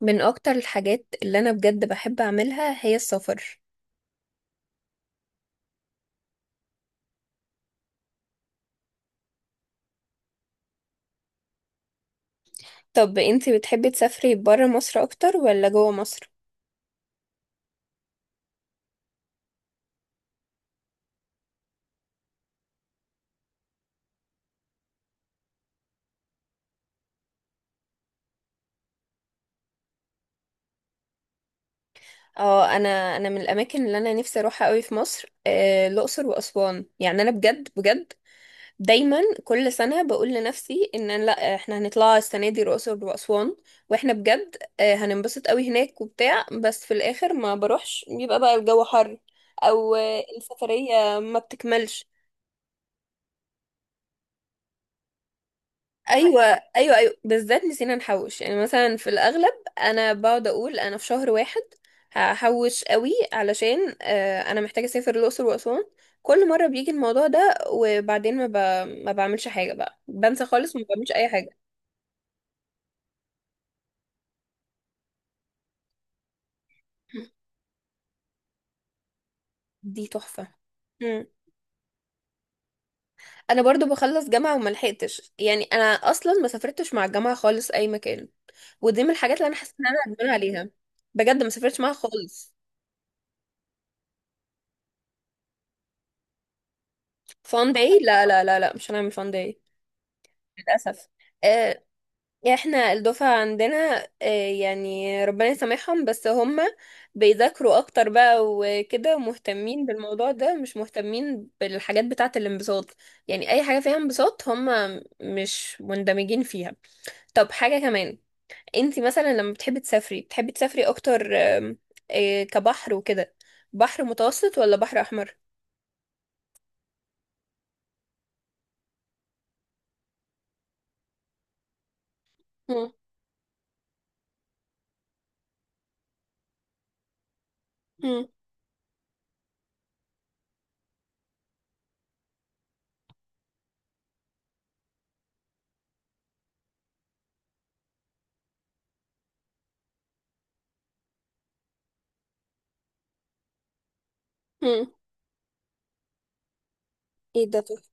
من اكتر الحاجات اللي انا بجد بحب اعملها هي السفر. طب انتي بتحبي تسافري برا مصر اكتر ولا جوا مصر؟ اه، انا من الاماكن اللي انا نفسي اروحها قوي في مصر، الاقصر واسوان. يعني انا بجد بجد دايما كل سنه بقول لنفسي ان أنا، لا احنا هنطلع السنه دي الاقصر واسوان واحنا بجد هننبسط قوي هناك وبتاع، بس في الاخر ما بروحش، بيبقى بقى الجو حر، او السفريه ما بتكملش. ايوه ايوه ايوه، بالذات نسينا نحوش. يعني مثلا في الاغلب انا بقعد اقول انا في شهر واحد هحوش قوي علشان انا محتاجه اسافر الاقصر واسوان. كل مره بيجي الموضوع ده، وبعدين ما بعملش حاجه بقى، بنسى خالص ما بعملش اي حاجه. دي تحفه. مم. انا برضو بخلص جامعه وما لحقتش، يعني انا اصلا ما سافرتش مع الجامعه خالص اي مكان، ودي من الحاجات اللي انا حاسه ان انا ندمان عليها. بجد ما سافرتش معاها خالص. فان داي، لا لا لا لا، مش هنعمل فان داي. للأسف. آه، يعني احنا الدفعة عندنا، يعني ربنا يسامحهم، بس هم بيذاكروا اكتر بقى وكده، ومهتمين بالموضوع ده، مش مهتمين بالحاجات بتاعة الانبساط. يعني اي حاجة فيها انبساط، هم مش مندمجين فيها. طب حاجة كمان، انتي مثلا لما بتحبي تسافري، بتحبي تسافري اكتر كبحر وكده، بحر متوسط ولا بحر احمر؟ مم. مم. مم. ايه ده تحفة.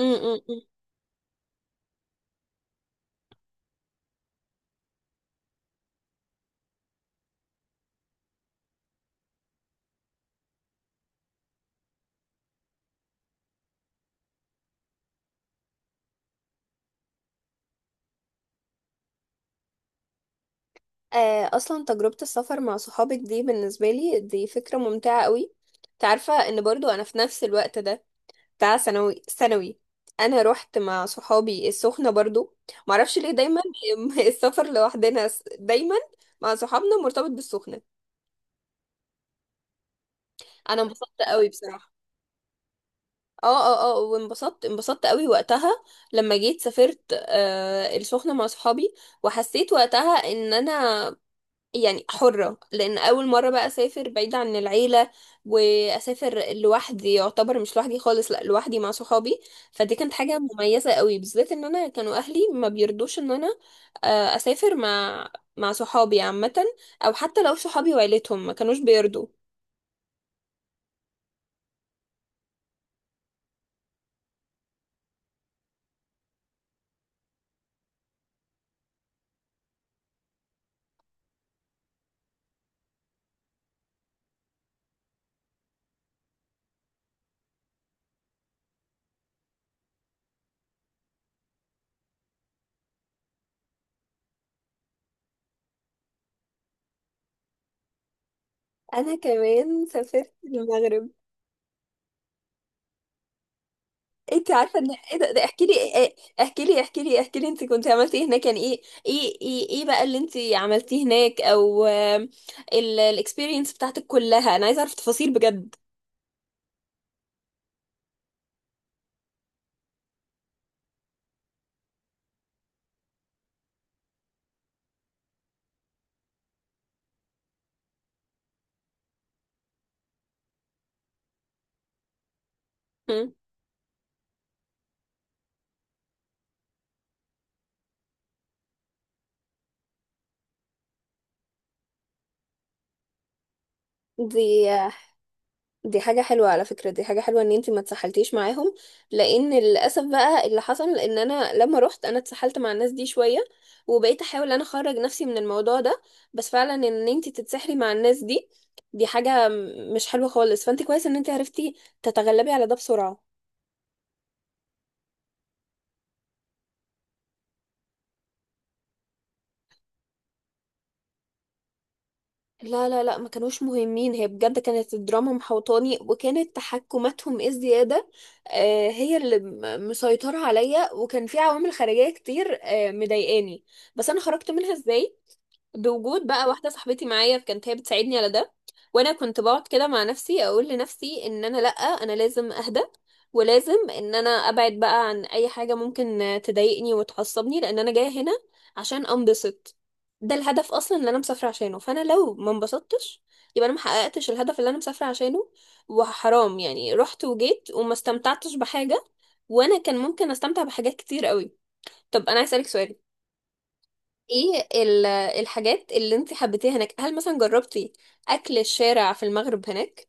مم. مم. اصلا تجربة السفر مع صحابك دي بالنسبة لي دي فكرة ممتعة قوي. تعرفة ان برضو انا في نفس الوقت ده بتاع ثانوي ثانوي، انا رحت مع صحابي السخنة برضو. معرفش ليه دايما، السفر لوحدنا دايما مع صحابنا مرتبط بالسخنة. انا انبسطت قوي بصراحة. اه، اه اه، وانبسطت انبسطت قوي وقتها لما جيت سافرت آه السخنة مع صحابي. وحسيت وقتها ان انا يعني حرة، لأن أول مرة بقى أسافر بعيدة عن العيلة، وأسافر لوحدي. يعتبر مش لوحدي خالص، لأ لوحدي مع صحابي. فدي كانت حاجة مميزة قوي، بالذات إن أنا كانوا أهلي ما بيرضوش إن أنا أسافر مع صحابي عامة، أو حتى لو صحابي وعيلتهم ما كانوش بيرضوا. أنا كمان سافرت المغرب. انت عارفه ان ايه ده, احكي لي ايه- ايه، احكي لي احكي لي احكي لي انت كنت عملتي هناك، يعني إيه بقى اللي انت عملتيه هناك، او الاكسبيرينس بتاعتك كلها، انا عايزه اعرف تفاصيل بجد. هم. دي دي حاجة حلوة على فكرة، دي حاجة حلوة ان انتي ما اتسحلتيش معاهم، لان للأسف بقى اللي حصل ان انا لما رحت انا اتسحلت مع الناس دي شوية، وبقيت احاول انا اخرج نفسي من الموضوع ده. بس فعلا ان انتي تتسحلي مع الناس دي، دي حاجة مش حلوة خالص. فانت كويس ان انتي عرفتي تتغلبي على ده بسرعة. لا لا لا، ما كانوش مهمين. هي بجد كانت الدراما محوطاني، وكانت تحكماتهم الزيادة هي اللي مسيطرة عليا، وكان في عوامل خارجية كتير مضايقاني. بس أنا خرجت منها إزاي؟ بوجود بقى واحدة صاحبتي معايا كانت هي بتساعدني على ده. وانا كنت بقعد كده مع نفسي اقول لنفسي ان انا، لا انا لازم اهدى، ولازم ان انا ابعد بقى عن اي حاجة ممكن تضايقني وتعصبني، لان انا جاية هنا عشان انبسط. ده الهدف اصلا اللي انا مسافره عشانه، فانا لو ما انبسطتش، يبقى انا ما حققتش الهدف اللي انا مسافره عشانه. وحرام يعني رحت وجيت وما استمتعتش بحاجه، وانا كان ممكن استمتع بحاجات كتير قوي. طب انا عايز اسالك سؤال. ايه الحاجات اللي انت حبيتيها هناك؟ هل مثلا جربتي اكل الشارع في المغرب هناك؟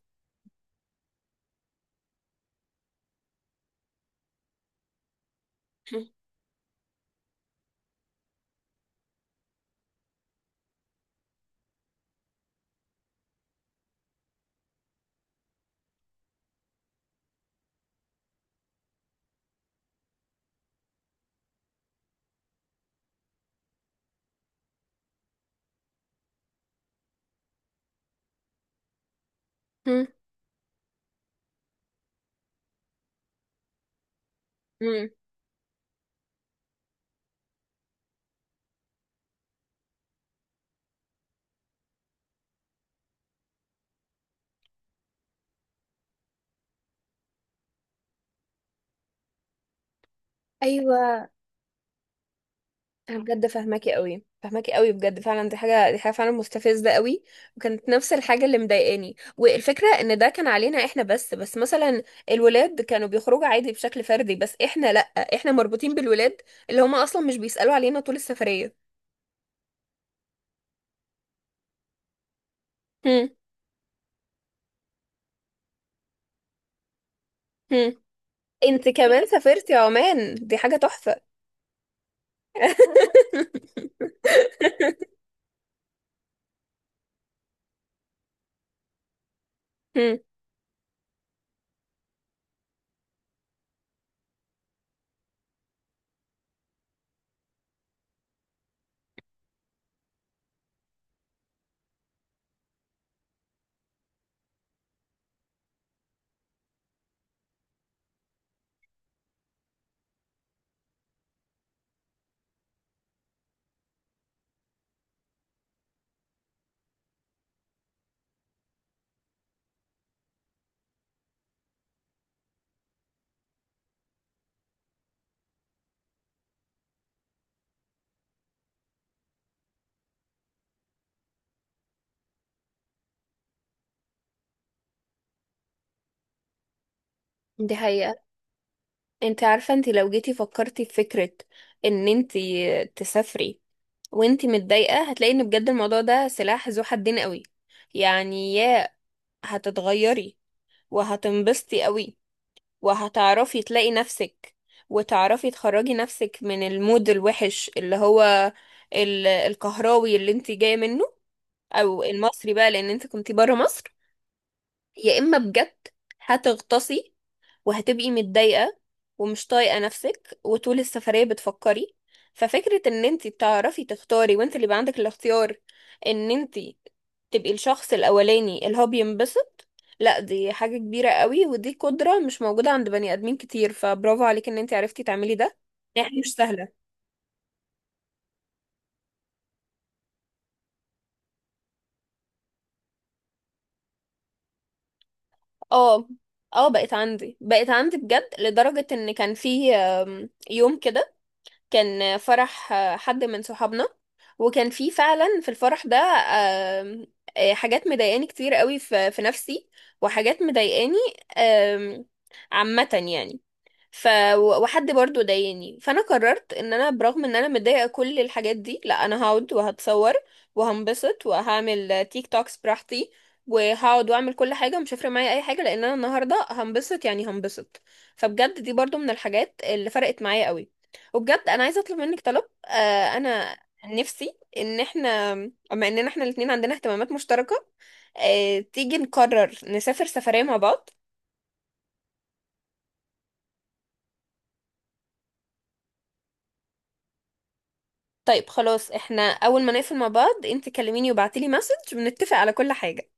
مم. مم. مم. ايوه. انا بجد فاهماكي قوي فاهماكي قوي، بجد فعلا، دي حاجه دي حاجه فعلا مستفزه قوي. وكانت نفس الحاجه اللي مضايقاني، والفكره ان ده كان علينا احنا بس، بس مثلا الولاد كانوا بيخرجوا عادي بشكل فردي، بس احنا لا، احنا مربوطين بالولاد اللي هما اصلا مش بيسالوا علينا طول السفريه. هم هم. انت كمان سافرتي عمان؟ دي حاجه تحفه. هم. دي حقيقة. انت عارفة، انت لو جيتي فكرتي في فكرة ان انت تسافري وانتي متضايقة، هتلاقي ان بجد الموضوع ده سلاح ذو حدين قوي. يعني يا هتتغيري وهتنبسطي قوي وهتعرفي تلاقي نفسك وتعرفي تخرجي نفسك من المود الوحش اللي هو الكهراوي اللي انتي جاية منه، او المصري بقى لان انت كنتي برا مصر. يا اما بجد هتغطسي وهتبقي متضايقة ومش طايقة نفسك وطول السفرية بتفكري. ففكرة ان انتي بتعرفي تختاري وانت اللي يبقى عندك الاختيار ان انتي تبقي الشخص الاولاني اللي هو بينبسط، لا دي حاجة كبيرة قوي، ودي قدرة مش موجودة عند بني ادمين كتير. فبرافو عليك ان انتي عرفتي تعملي ده، يعني مش سهلة. اه. اه، بقت عندي بقت عندي بجد، لدرجة ان كان في يوم كده كان فرح حد من صحابنا، وكان في فعلا في الفرح ده آم، حاجات مضايقاني كتير قوي في نفسي، وحاجات مضايقاني آم، عامة يعني. ف وحد برضو ضايقني، فانا قررت ان انا برغم ان انا متضايقه كل الحاجات دي، لا انا هقعد وهتصور وهنبسط وهعمل تيك توكس براحتي، وهقعد واعمل كل حاجه. مش هيفرق معايا اي حاجه لان انا النهارده هنبسط، يعني هنبسط. فبجد دي برضو من الحاجات اللي فرقت معايا قوي. وبجد انا عايزه اطلب منك طلب. آه، انا نفسي ان احنا بما اننا احنا الاتنين عندنا اهتمامات مشتركه آه تيجي نقرر نسافر سفريه مع بعض. طيب خلاص، احنا اول ما نقفل مع بعض انت كلميني وبعتيلي مسج بنتفق على كل حاجة.